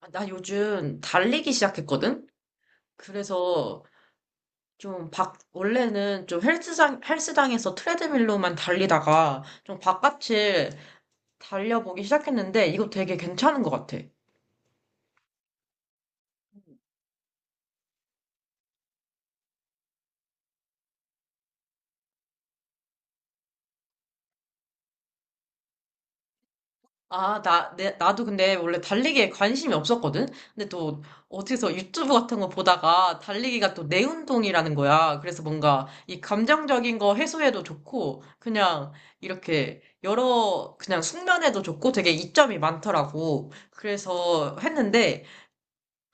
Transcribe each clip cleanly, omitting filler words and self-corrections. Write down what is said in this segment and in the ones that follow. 아, 나 요즘 달리기 시작했거든? 그래서 좀 밖 원래는 좀 헬스장에서 트레드밀로만 달리다가 좀 바깥을 달려보기 시작했는데 이거 되게 괜찮은 것 같아. 아, 나도 근데 원래 달리기에 관심이 없었거든? 근데 또 어디서 유튜브 같은 거 보다가 달리기가 또 내 운동이라는 거야. 그래서 뭔가 이 감정적인 거 해소에도 좋고, 그냥 이렇게 여러, 그냥 숙면에도 좋고 되게 이점이 많더라고. 그래서 했는데,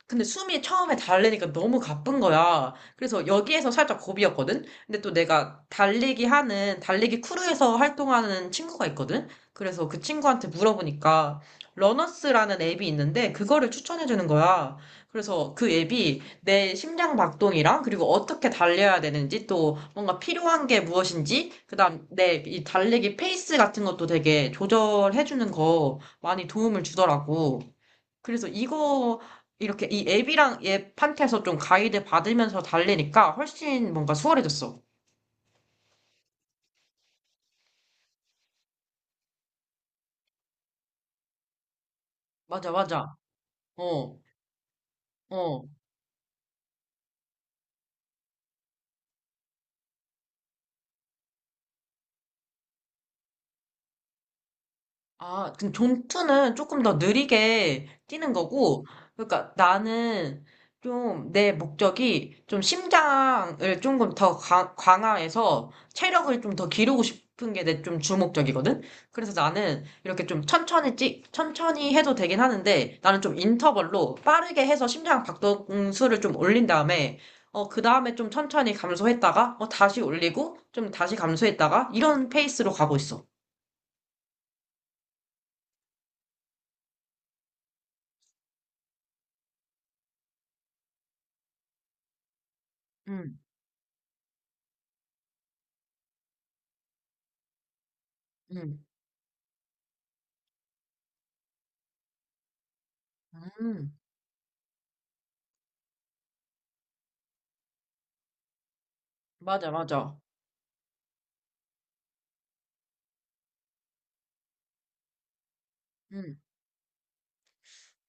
근데 숨이 처음에 달리니까 너무 가쁜 거야. 그래서 여기에서 살짝 고비였거든? 근데 또 내가 달리기 하는, 달리기 크루에서 활동하는 친구가 있거든? 그래서 그 친구한테 물어보니까, 러너스라는 앱이 있는데, 그거를 추천해주는 거야. 그래서 그 앱이 내 심장 박동이랑, 그리고 어떻게 달려야 되는지, 또 뭔가 필요한 게 무엇인지, 그다음 내 이 달리기 페이스 같은 것도 되게 조절해주는 거 많이 도움을 주더라고. 그래서 이거 이렇게 이 앱이랑 앱한테서 좀 가이드 받으면서 달리니까 훨씬 뭔가 수월해졌어. 맞아, 맞아. 어, 어. 아, 근데 존투는 조금 더 느리게 뛰는 거고, 그러니까 나는 좀 내 목적이 좀 심장을 조금 더 강화해서 체력을 좀 더 기르고 싶은 게 내 좀 주목적이거든? 그래서 나는 이렇게 좀 천천히 해도 되긴 하는데, 나는 좀 인터벌로 빠르게 해서 심장 박동수를 좀 올린 다음에, 그 다음에 좀 천천히 감소했다가, 다시 올리고, 좀 다시 감소했다가, 이런 페이스로 가고 있어. 음, 음, 음. 맞아, 맞아. 음.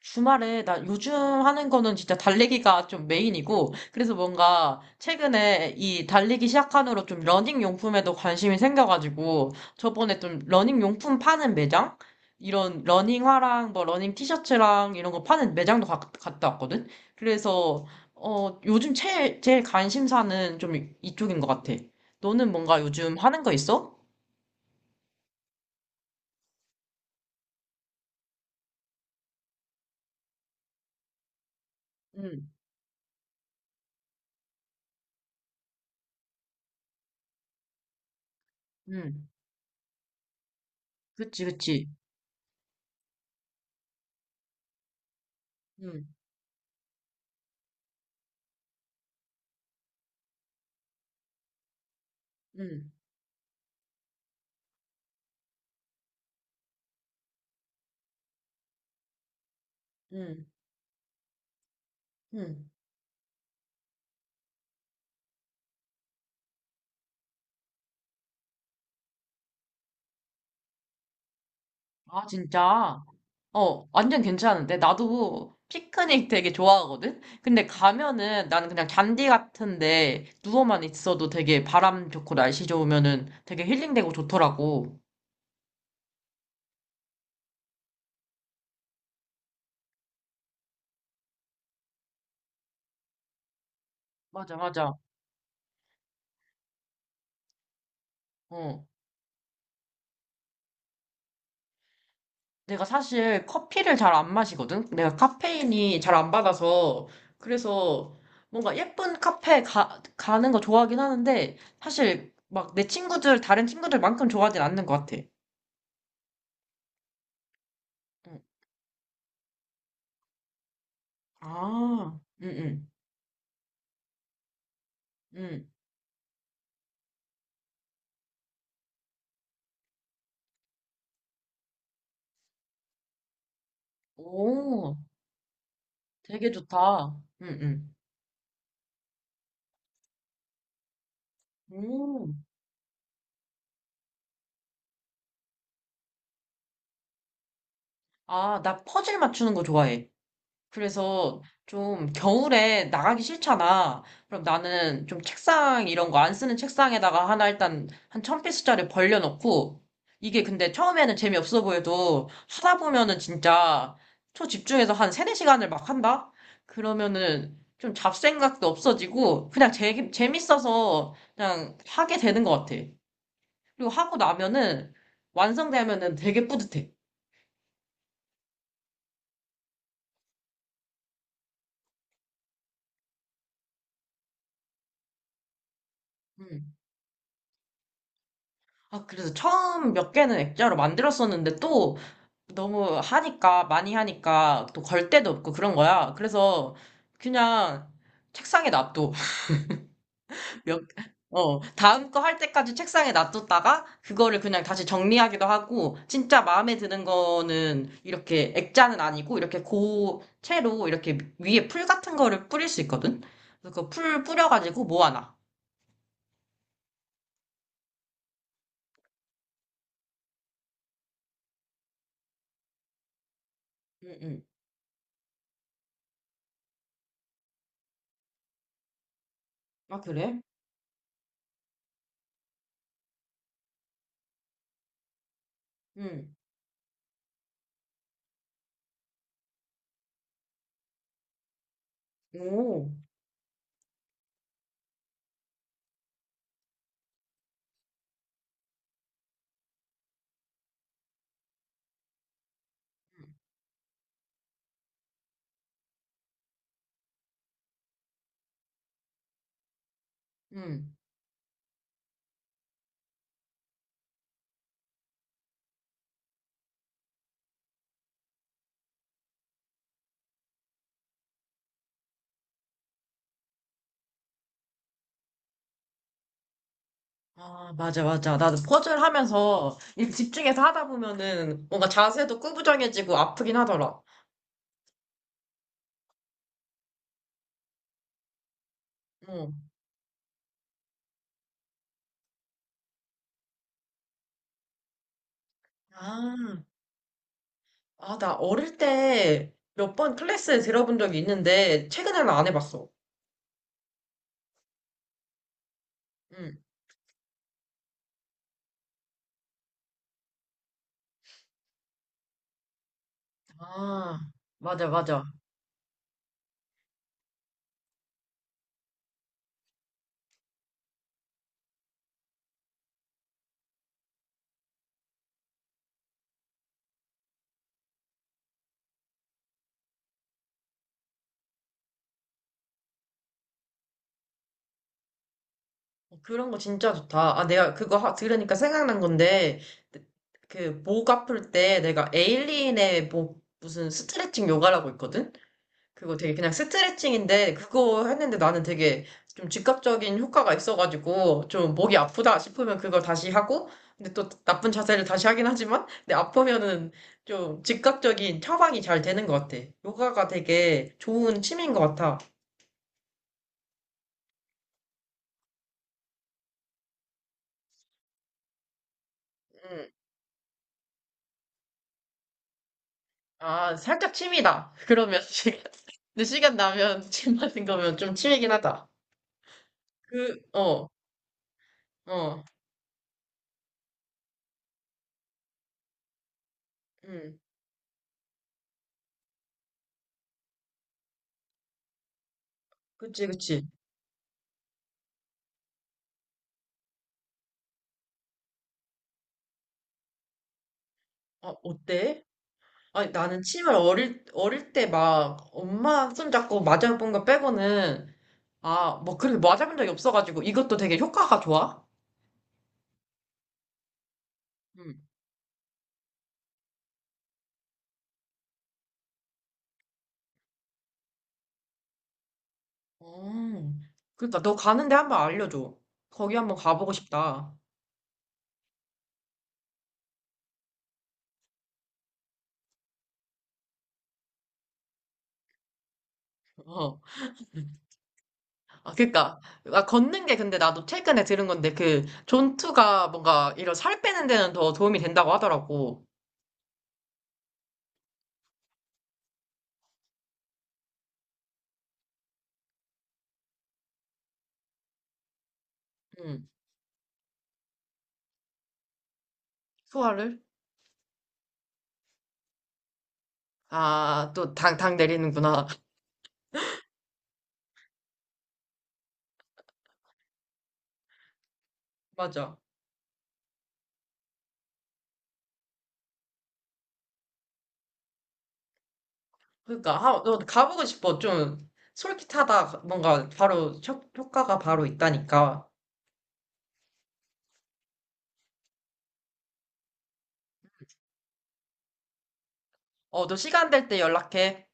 주말에, 나 요즘 하는 거는 진짜 달리기가 좀 메인이고, 그래서 뭔가 최근에 이 달리기 시작한 후로 좀 러닝 용품에도 관심이 생겨가지고, 저번에 좀 러닝 용품 파는 매장? 이런 러닝화랑 뭐 러닝 티셔츠랑 이런 거 파는 매장도 갔다 왔거든? 그래서, 어, 요즘 제일 관심사는 좀 이쪽인 것 같아. 너는 뭔가 요즘 하는 거 있어? 응, 응. 그치, 그치. 응, 응, 응. 응. 아, 진짜? 완전 괜찮은데? 나도 피크닉 되게 좋아하거든? 근데 가면은 나는 그냥 잔디 같은데 누워만 있어도 되게 바람 좋고 날씨 좋으면은 되게 힐링되고 좋더라고. 맞아, 맞아. 어. 내가 사실 커피를 잘 안 마시거든? 내가 카페인이 잘 안 받아서. 그래서 뭔가 예쁜 카페 가는 거 좋아하긴 하는데 사실 막 내 친구들, 다른 친구들만큼 좋아하진 않는 것 같아. 응. 아, 응, 응. 응. 오, 되게 좋다. 응, 응. 오. 아, 나 퍼즐 맞추는 거 좋아해. 그래서 좀 겨울에 나가기 싫잖아. 그럼 나는 좀 책상 이런 거 안 쓰는 책상에다가 하나 일단 한 1,000피스짜리 벌려놓고 이게 근데 처음에는 재미없어 보여도 하다 보면은 진짜 초집중해서 한 세네 시간을막 한다? 그러면은 좀 잡생각도 없어지고 그냥 재밌어서 그냥 하게 되는 것 같아. 그리고 하고 나면은 완성되면은 되게 뿌듯해. 음. 아, 그래서 처음 몇 개는 액자로 만들었었는데 또 너무 하니까, 많이 하니까 또 걸 데도 없고 그런 거야. 그래서 그냥 책상에 놔둬. 몇, 다음 거 할 때까지 책상에 놔뒀다가 그거를 그냥 다시 정리하기도 하고 진짜 마음에 드는 거는 이렇게 액자는 아니고 이렇게 고체로 이렇게 위에 풀 같은 거를 뿌릴 수 있거든. 그래서 그 풀 뿌려가지고 모아놔. 응, 응. 아, 그래? 응. 오. 응. 아, 맞아, 맞아. 나도 퍼즐 하면서 일 집중해서 하다 보면은 뭔가 자세도 구부정해지고 아프긴 하더라. 응. 아, 아, 나 어릴, 때 몇 번 클래스에 들어본 적이 있는데 최근에는 안 해봤어. 응. 아, 맞아, 맞아. 어, 그런 거 진짜 좋다. 아, 내가 그거 들으니까 생각난 건데 그 목 아플 때 내가 에일린의 뭐 무슨 스트레칭 요가라고 있거든? 그거 되게 그냥 스트레칭인데 그거 했는데 나는 되게 좀 즉각적인 효과가 있어가지고 좀 목이 아프다 싶으면 그걸 다시 하고 근데 또 나쁜 자세를 다시 하긴 하지만 근데 아프면은 좀 즉각적인 처방이 잘 되는 것 같아. 요가가 되게 좋은 취미인 것 같아. 음, 아, 살짝 취미다. 그러면 시간, 근데 시간 나면 침 맞은 거면 좀 취미긴 하다. 그, 어, 어, 음, 그치, 그치. 어때? 아니, 나는 침을 어릴 때 막, 엄마 손잡고 맞아본 거 빼고는, 아, 뭐, 그래도 맞아본 적이 없어가지고, 이것도 되게 효과가 좋아? 음. 어, 그러니까 너 가는데 한번 알려줘. 거기 한번 가보고 싶다. 어, 아, 그러니까 아, 걷는 게 근데 나도 최근에 들은 건데 그 존투가 뭔가 이런 살 빼는 데는 더 도움이 된다고 하더라고. 응, 소화를? 아, 또 당 내리는구나. 맞아. 그러니까 아, 너 가보고 싶어. 좀 솔깃하다. 뭔가 바로 효과가 바로 있다니까. 어, 너 시간 될 때 연락해.